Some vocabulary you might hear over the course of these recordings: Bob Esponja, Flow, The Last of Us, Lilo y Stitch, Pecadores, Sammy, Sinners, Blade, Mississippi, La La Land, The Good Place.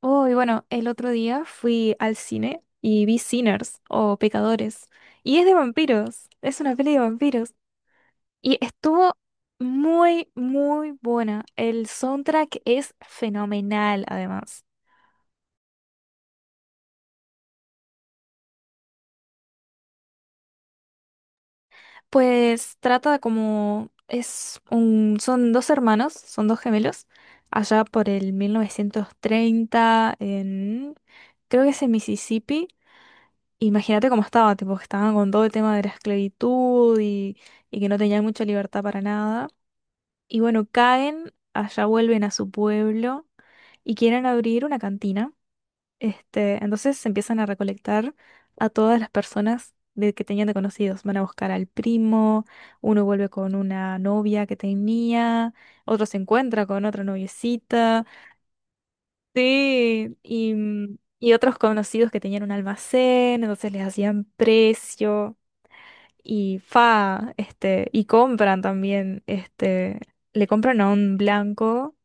Oh, y bueno, el otro día fui al cine y vi Sinners o Pecadores. Y es de vampiros, es una peli de vampiros. Y estuvo muy, muy buena. El soundtrack es fenomenal, además. Pues trata como, son dos hermanos, son dos gemelos, allá por el 1930 creo que es en Mississippi. Imagínate cómo estaba, tipo, que estaban con todo el tema de la esclavitud y que no tenían mucha libertad para nada. Y bueno, caen, allá vuelven a su pueblo y quieren abrir una cantina. Entonces se empiezan a recolectar a todas las personas que tenían de conocidos. Van a buscar al primo, uno vuelve con una novia que tenía, otro se encuentra con otra noviecita. Sí, y otros conocidos que tenían un almacén, entonces les hacían precio y compran también, le compran a un blanco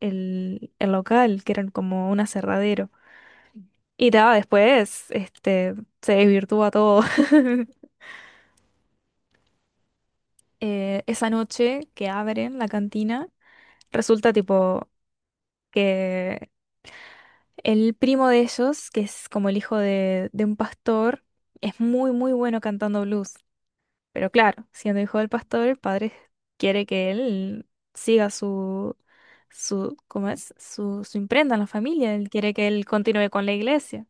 el local, que eran como un aserradero. Y después, se desvirtúa todo. Esa noche que abren la cantina, resulta tipo que el primo de ellos, que es como el hijo de un pastor, es muy, muy bueno cantando blues. Pero claro, siendo hijo del pastor, el padre quiere que él siga su, ¿cómo es? Su imprenta en la familia. Él quiere que él continúe con la iglesia.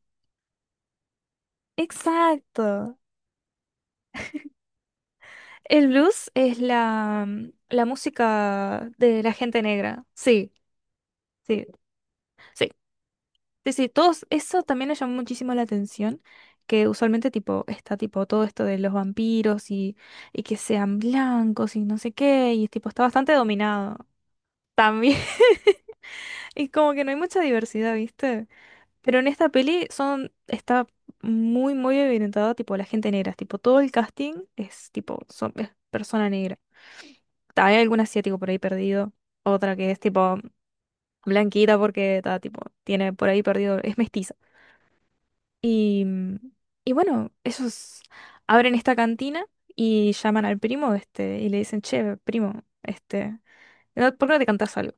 Exacto. El blues es la música de la gente negra. Sí, sí, sí. Sí, sí, todos, eso también me llamó muchísimo la atención, que usualmente tipo, está tipo todo esto de los vampiros y que sean blancos y no sé qué, y tipo, está bastante dominado también. Y como que no hay mucha diversidad, ¿viste? Pero en esta peli son, está muy, muy evidentada, tipo, la gente negra. Tipo, todo el casting es, tipo, son, es persona negra. Hay algún asiático por ahí perdido. Otra que es, tipo, blanquita porque está, tipo, tiene por ahí perdido, es mestiza. Y, y bueno, ellos abren esta cantina y llaman al primo, y le dicen, che, primo, ¿por qué no te cantas algo?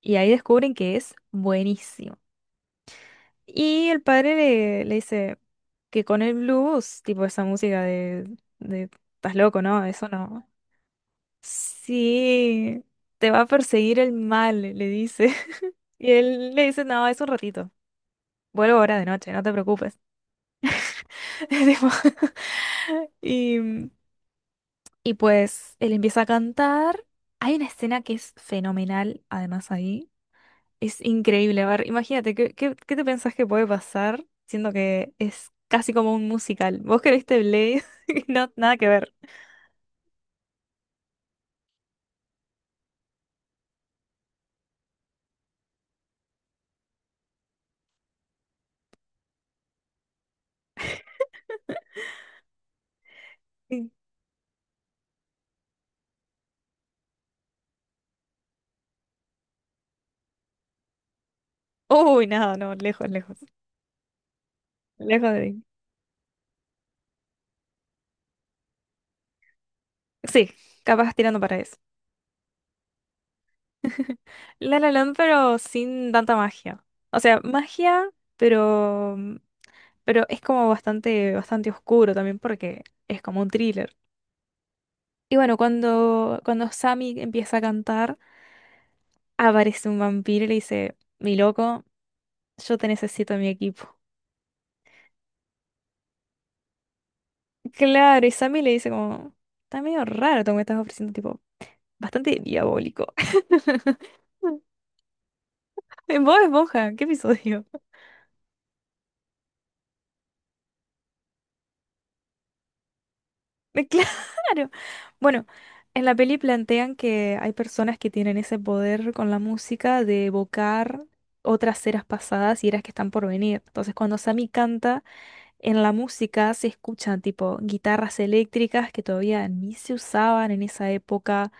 Y ahí descubren que es buenísimo. Y el padre le dice que con el blues, tipo esa música de estás loco, ¿no? Eso no. Sí, te va a perseguir el mal, le dice. Y él le dice, no, es un ratito. Vuelvo ahora de noche, no te preocupes. Tipo, Y, mm, y pues él empieza a cantar. Hay una escena que es fenomenal, además ahí. Es increíble, a ver, imagínate, ¿qué te pensás que puede pasar siendo que es casi como un musical? ¿Vos que viste Blade? No, nada que ver. Sí. Uy, nada, no, lejos, lejos. Lejos de ahí. Sí, capaz tirando para eso. La La Land, pero sin tanta magia. O sea, magia, pero, pero es como bastante, bastante oscuro también porque es como un thriller. Y bueno, cuando Sammy empieza a cantar, aparece un vampiro y le dice, mi loco. Yo te necesito en mi equipo. Claro, y Sammy le dice como, está medio raro todo lo que estás ofreciendo, tipo, bastante diabólico. En Bob Esponja, ¿qué episodio? Claro. Bueno, en la peli plantean que hay personas que tienen ese poder con la música de evocar otras eras pasadas y eras que están por venir. Entonces, cuando Sammy canta. En la música se escuchan tipo guitarras eléctricas que todavía ni se usaban en esa época.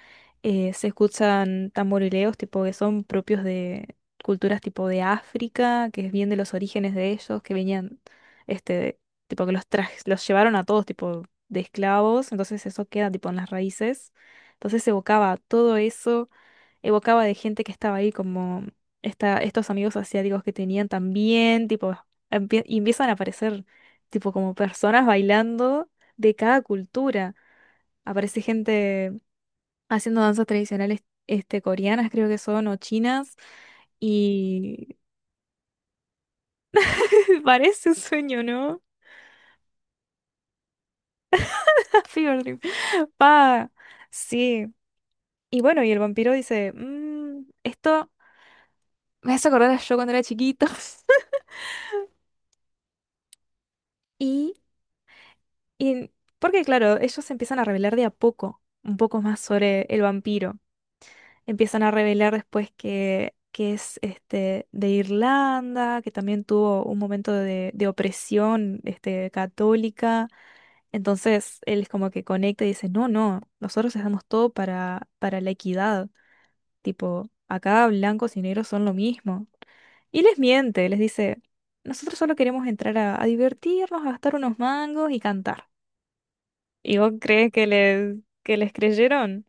Se escuchan tamborileos tipo que son propios de culturas tipo de África, que es bien de los orígenes de ellos, que venían, este, tipo que los trajes, los llevaron a todos tipo de esclavos, entonces eso queda tipo en las raíces. Entonces se evocaba todo eso, evocaba de gente que estaba ahí, como estos amigos asiáticos que tenían también, tipo, y empiezan a aparecer, tipo, como personas bailando de cada cultura. Aparece gente haciendo danzas tradicionales, coreanas, creo que son, o chinas, y parece un sueño, ¿no? Fever dream. Pa, sí. Y bueno, y el vampiro dice, "Mm, esto me hace acordar a yo cuando era chiquito." Y Y porque, claro, ellos empiezan a revelar de a poco, un poco más sobre el vampiro. Empiezan a revelar después que es de Irlanda, que también tuvo un momento de opresión, católica. Entonces él es como que conecta y dice, no, no, nosotros hacemos todo para, la equidad. Tipo, acá blancos y negros son lo mismo. Y les miente, les dice, nosotros solo queremos entrar a divertirnos, a gastar unos mangos y cantar. ¿Y vos crees que les creyeron?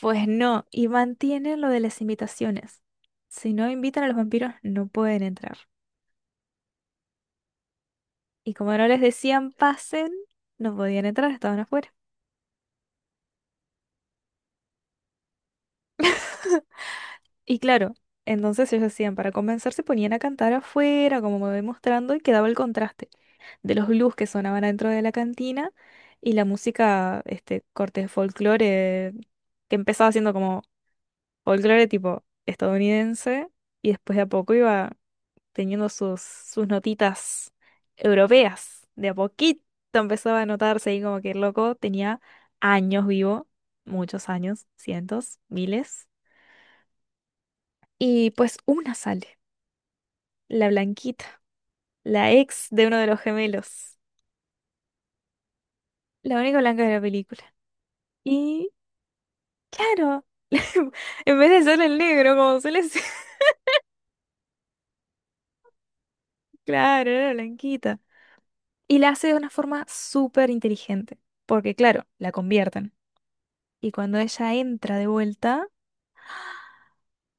Pues no, y mantienen lo de las invitaciones. Si no invitan a los vampiros, no pueden entrar. Y como no les decían pasen, no podían entrar, estaban afuera. Y claro, entonces ellos hacían, para compensar, se ponían a cantar afuera, como me voy mostrando, y quedaba el contraste de los blues que sonaban dentro de la cantina y la música, corte de folclore, que empezaba siendo como folclore tipo estadounidense, y después de a poco iba teniendo sus notitas europeas. De a poquito empezaba a notarse ahí como que el loco tenía años vivo, muchos años, cientos, miles. Y pues una sale, la Blanquita, la ex de uno de los gemelos, la única blanca de la película. Y claro, en vez de ser el negro, como suele ser, claro, era la Blanquita. Y la hace de una forma súper inteligente, porque claro, la convierten. Y cuando ella entra de vuelta,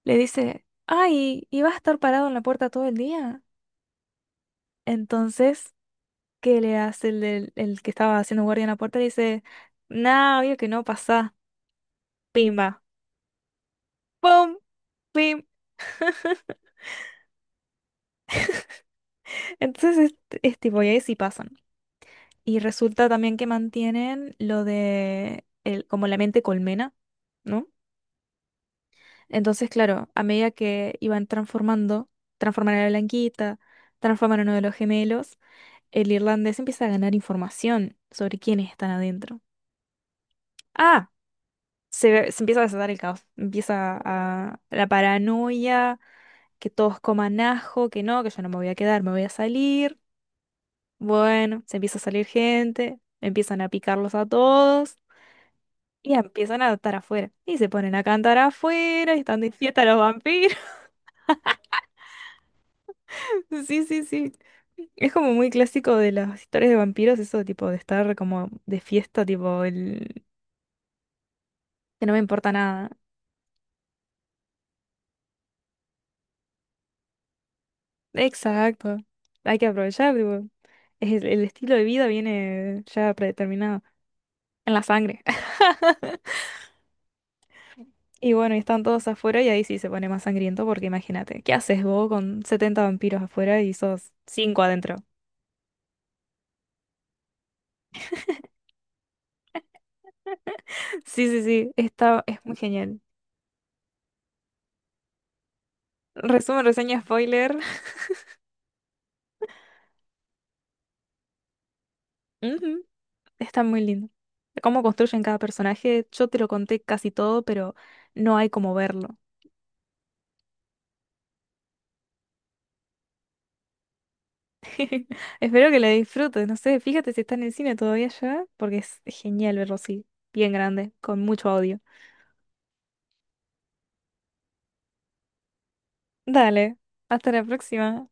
le dice, ay, ¿y vas a estar parado en la puerta todo el día? Entonces, ¿qué le hace el que estaba haciendo guardia en la puerta? Le dice, nah, obvio que no pasa, pimba, pum, pim. Entonces, es tipo, y ahí sí pasan. Y resulta también que mantienen lo de, como la mente colmena, ¿no? Entonces, claro, a medida que iban transformando, transforman a la Blanquita, transforman a uno de los gemelos, el irlandés empieza a ganar información sobre quiénes están adentro. Ah, se empieza a desatar el caos. Empieza a, la paranoia, que todos coman ajo, que no, que yo no me voy a quedar, me voy a salir. Bueno, se empieza a salir gente, empiezan a picarlos a todos y empiezan a estar afuera. Y se ponen a cantar afuera y están de fiesta los vampiros. Sí, sí, sí. Es como muy clásico de las historias de vampiros, eso tipo de estar como de fiesta, tipo que no me importa nada. Exacto. Hay que aprovechar, tipo, es el estilo de vida viene ya predeterminado en la sangre. Y bueno, y están todos afuera y ahí sí se pone más sangriento porque imagínate, ¿qué haces vos con 70 vampiros afuera y sos cinco adentro? Sí, sí, sí, es muy genial. Resumen, reseña, spoiler. Ujú, está muy lindo. Cómo construyen cada personaje, yo te lo conté casi todo, pero no hay como verlo. Espero que la disfrutes, no sé, fíjate si está en el cine todavía ya, porque es genial verlo así, bien grande, con mucho audio. Dale, hasta la próxima.